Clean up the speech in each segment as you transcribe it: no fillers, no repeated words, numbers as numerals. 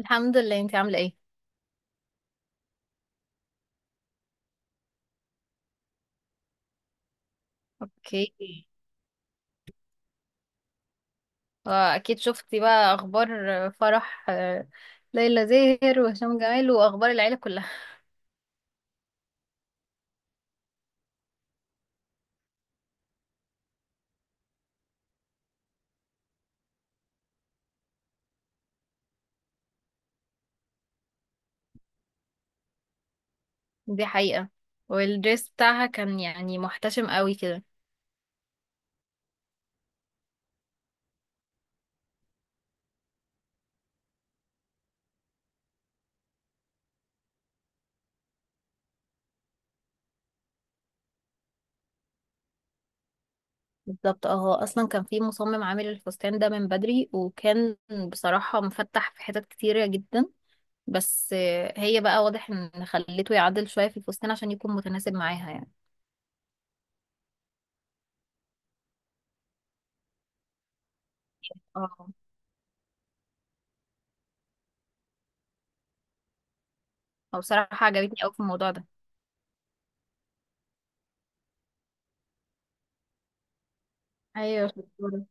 الحمد لله، انت عامله ايه؟ اوكي. واكيد شفتي بقى اخبار فرح ليلى زاهر وهشام جمال واخبار العيله كلها. دي حقيقه. والدريس بتاعها كان يعني محتشم قوي كده. بالظبط اه، هو اصلا كان في مصمم عامل الفستان ده من بدري، وكان بصراحه مفتح في حتت كتيره جدا. بس هي بقى واضح ان خليته يعدل شويه في الفستان عشان يكون متناسب معاها يعني. اه، هو بصراحه عجبتني قوي في الموضوع ده. ايوه، شطورة.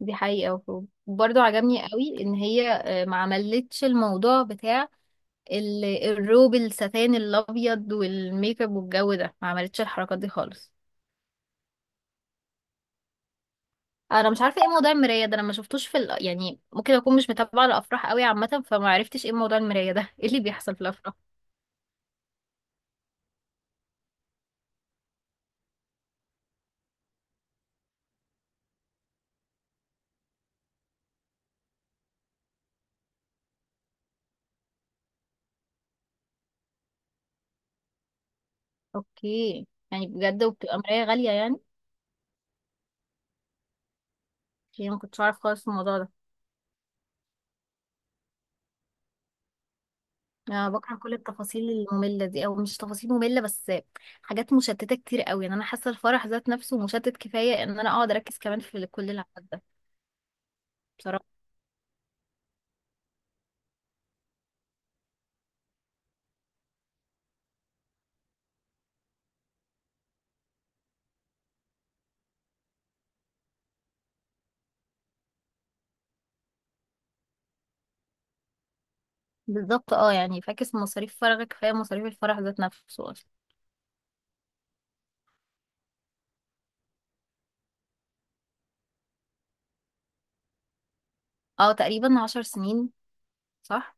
دي حقيقة. وبرضه عجبني قوي ان هي ما عملتش الموضوع بتاع الروب الستان الابيض والميك اب والجو ده، ما عملتش الحركات دي خالص. انا مش عارفة ايه موضوع المراية ده. انا ما شفتوش في ال. يعني ممكن اكون مش متابعة الافراح قوي عامة، فما عرفتش ايه موضوع المراية ده. ايه اللي بيحصل في الافراح؟ اوكي، يعني بجد. وبتبقى مراية غالية يعني. يعني ما كنتش عارف خالص الموضوع ده. انا بكره كل التفاصيل الممله دي، او مش تفاصيل ممله بس حاجات مشتته كتير قوي. يعني انا حاسه الفرح ذات نفسه مشتت كفايه ان انا اقعد اركز كمان في كل العدد ده. بصراحه. بالظبط اه، يعني فاكس مصاريف فرحك، كفايه مصاريف الفرح ذات نفسه اصلا. اه، تقريبا 10 سنين. صح.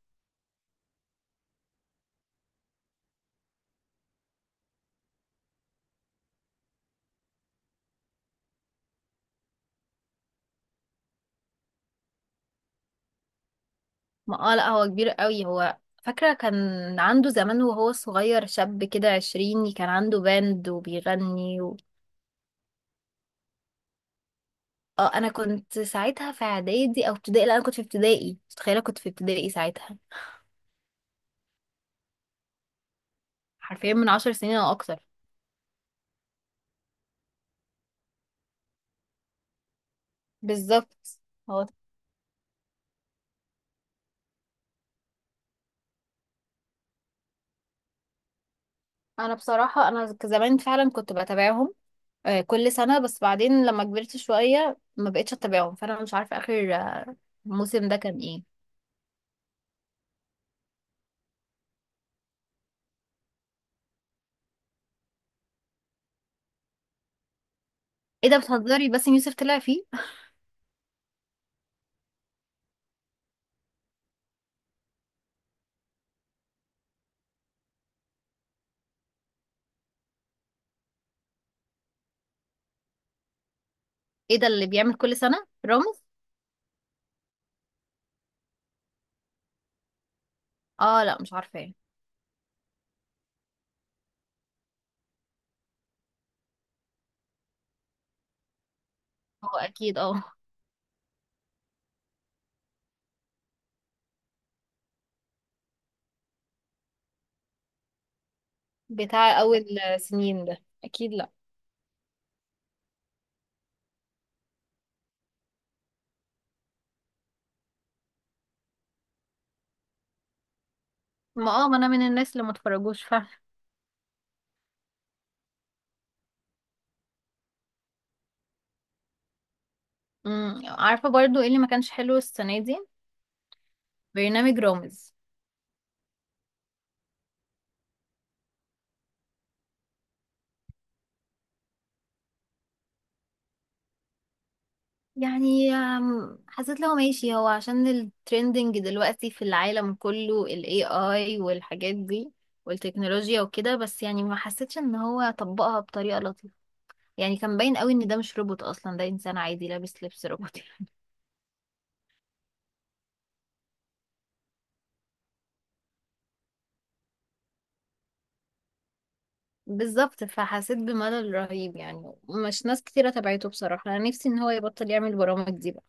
ما اه، لا، هو كبير قوي هو. فاكره كان عنده زمان وهو صغير شاب كده عشريني، كان عنده باند وبيغني و. اه، انا كنت ساعتها في اعدادي او ابتدائي. لا، انا كنت في ابتدائي، متخيله كنت في ابتدائي ساعتها. حرفيا من 10 سنين او اكتر. بالظبط. هو انا بصراحه انا زمان فعلا كنت بتابعهم كل سنه. بس بعدين لما كبرت شويه ما بقتش اتابعهم، فانا مش عارفه اخر الموسم ده كان ايه. ايه ده بتهزري، باسم يوسف طلع فيه؟ ايه ده اللي بيعمل كل سنه رامز؟ اه لا، مش عارفه ايه. هو اكيد اه. بتاع اول سنين ده اكيد، لا. ما اه، ما انا من الناس اللي ما اتفرجوش فعلا. عارفه برضو ايه اللي ما كانش حلو السنه دي؟ برنامج رامز. يعني حسيت لو ماشي هو عشان الترندنج دلوقتي في العالم كله ال AI والحاجات دي والتكنولوجيا وكده. بس يعني ما حسيتش ان هو طبقها بطريقة لطيفة. يعني كان باين قوي ان ده مش روبوت اصلا، ده انسان عادي لابس لبس روبوتي. بالظبط، فحسيت بملل رهيب. يعني مش ناس كتيرة تبعته بصراحة. انا نفسي ان هو يبطل يعمل برامج دي بقى.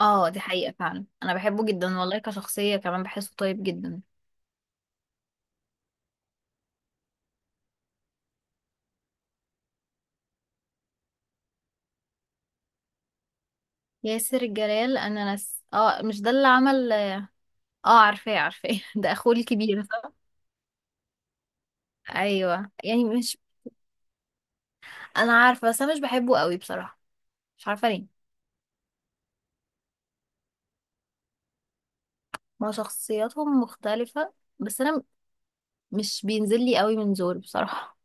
اه، دي حقيقة فعلا. انا بحبه جدا والله، كشخصية كمان بحسه طيب جدا. ياسر جلال؟ انا ناس اه، مش ده اللي عمل. اه، عارفاه عارفاه. ده اخوه الكبير، صح؟ ايوه، يعني مش انا عارفه. بس انا مش بحبه قوي بصراحه. مش عارفه ليه. ما شخصياتهم مختلفه. بس انا مش بينزل لي قوي من زور بصراحه.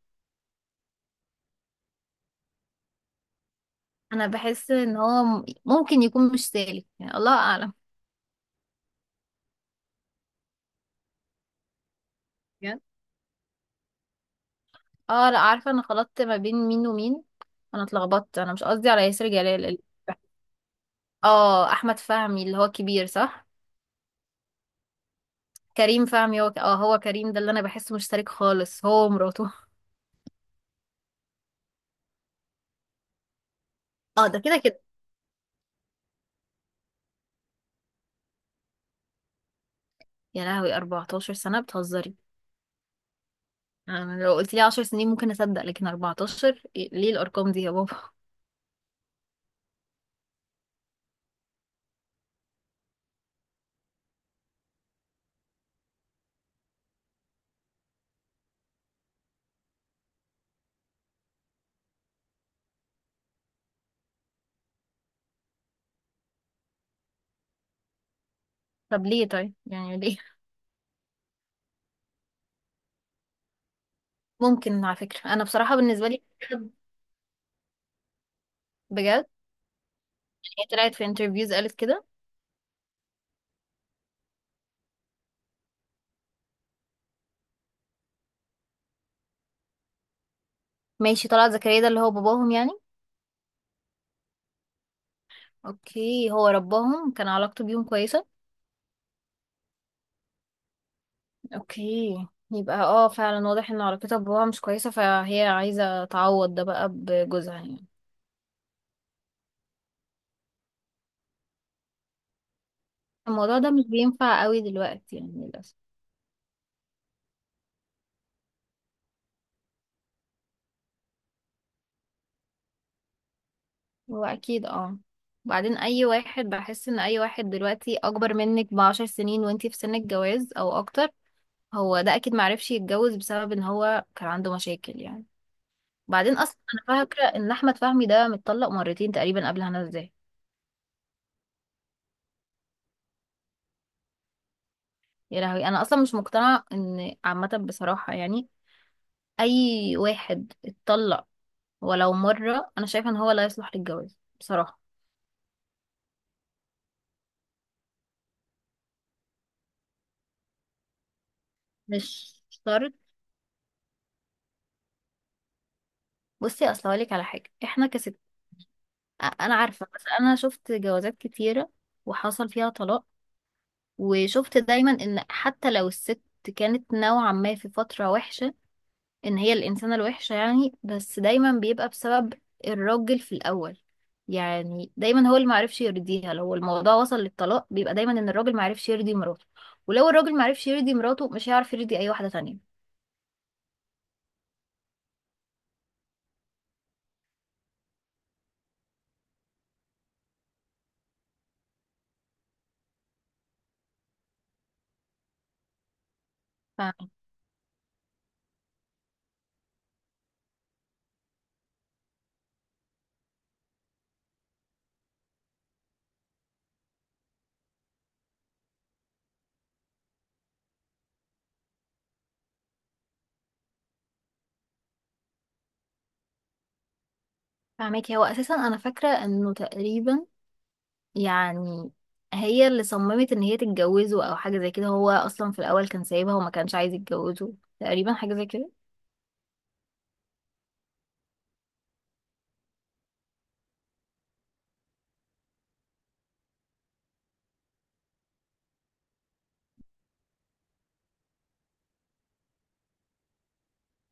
انا بحس ان هو ممكن يكون مش سالك يعني. الله اعلم. بجد؟ اه لا، عارفه. انا خلطت ما بين مين ومين. انا اتلخبطت. انا مش قصدي على ياسر جلال اه، احمد فهمي اللي هو كبير، صح؟ كريم فهمي هو اه، هو كريم ده اللي انا بحسه مش سالك خالص، هو ومراته. اه، ده كده كده. يا لهوي، 14 سنة، بتهزري؟ انا لو قلت لي 10 سنين ممكن اصدق، لكن 14 ليه الارقام دي يا بابا؟ طب ليه طيب يعني، ليه ممكن؟ على فكرة، انا بصراحة بالنسبة لي. بجد. هي طلعت في انترفيوز قالت كده. ماشي. طلعت زكريا ده اللي هو باباهم يعني؟ اوكي، هو رباهم كان علاقته بيهم كويسة. اوكي. يبقى اه، فعلا واضح ان علاقتها بباباها مش كويسة، فهي عايزة تعوض ده بقى بجوزها يعني. الموضوع ده مش بينفع قوي دلوقتي يعني للأسف. هو اكيد اه. بعدين اي واحد بحس ان اي واحد دلوقتي اكبر منك بـ10 سنين وانتي في سن الجواز او اكتر، هو ده اكيد معرفش يتجوز بسبب ان هو كان عنده مشاكل يعني. بعدين اصلا انا فاكره ان احمد فهمي ده متطلق مرتين تقريبا قبل هنا، ازاي؟ يا لهوي، انا اصلا مش مقتنعه ان عامه بصراحه يعني. اي واحد اتطلق ولو مره، انا شايفه ان هو لا يصلح للجواز بصراحه. مش شرط. بصي، اصل هقولك على حاجه. احنا كست. انا عارفه، بس انا شفت جوازات كتيره وحصل فيها طلاق، وشفت دايما ان حتى لو الست كانت نوعا ما في فتره وحشه، ان هي الانسانه الوحشه يعني، بس دايما بيبقى بسبب الراجل في الاول. يعني دايما هو اللي معرفش يرضيها. لو الموضوع وصل للطلاق، بيبقى دايما ان الراجل معرفش يرضي مراته. ولو الراجل معرفش يرضي مراته، مش هيعرف يرضي اي واحده تانية. فاهمك. هو اساسا انا فاكره انه تقريبا يعني هي اللي صممت ان هي تتجوزه او حاجة زي كده. هو اصلا في الاول كان سايبها وما كانش عايز يتجوزه، تقريبا حاجة زي كده.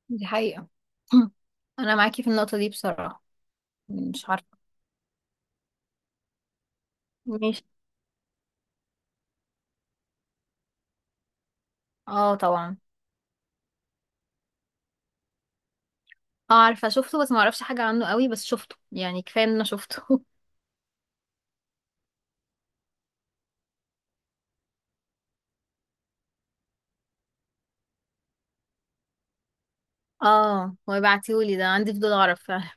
دي حقيقة. انا معاكي في النقطة دي بصراحة. مش عارفة. ماشي. اه طبعا. اه، عارفة شفته بس ما اعرفش حاجة عنه قوي، بس شفته. يعني كفاية ان انا شفته. اه، هو يبعتيهولي ده. عندي فضول اعرف فعلا.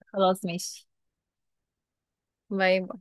خلاص ماشي. باي.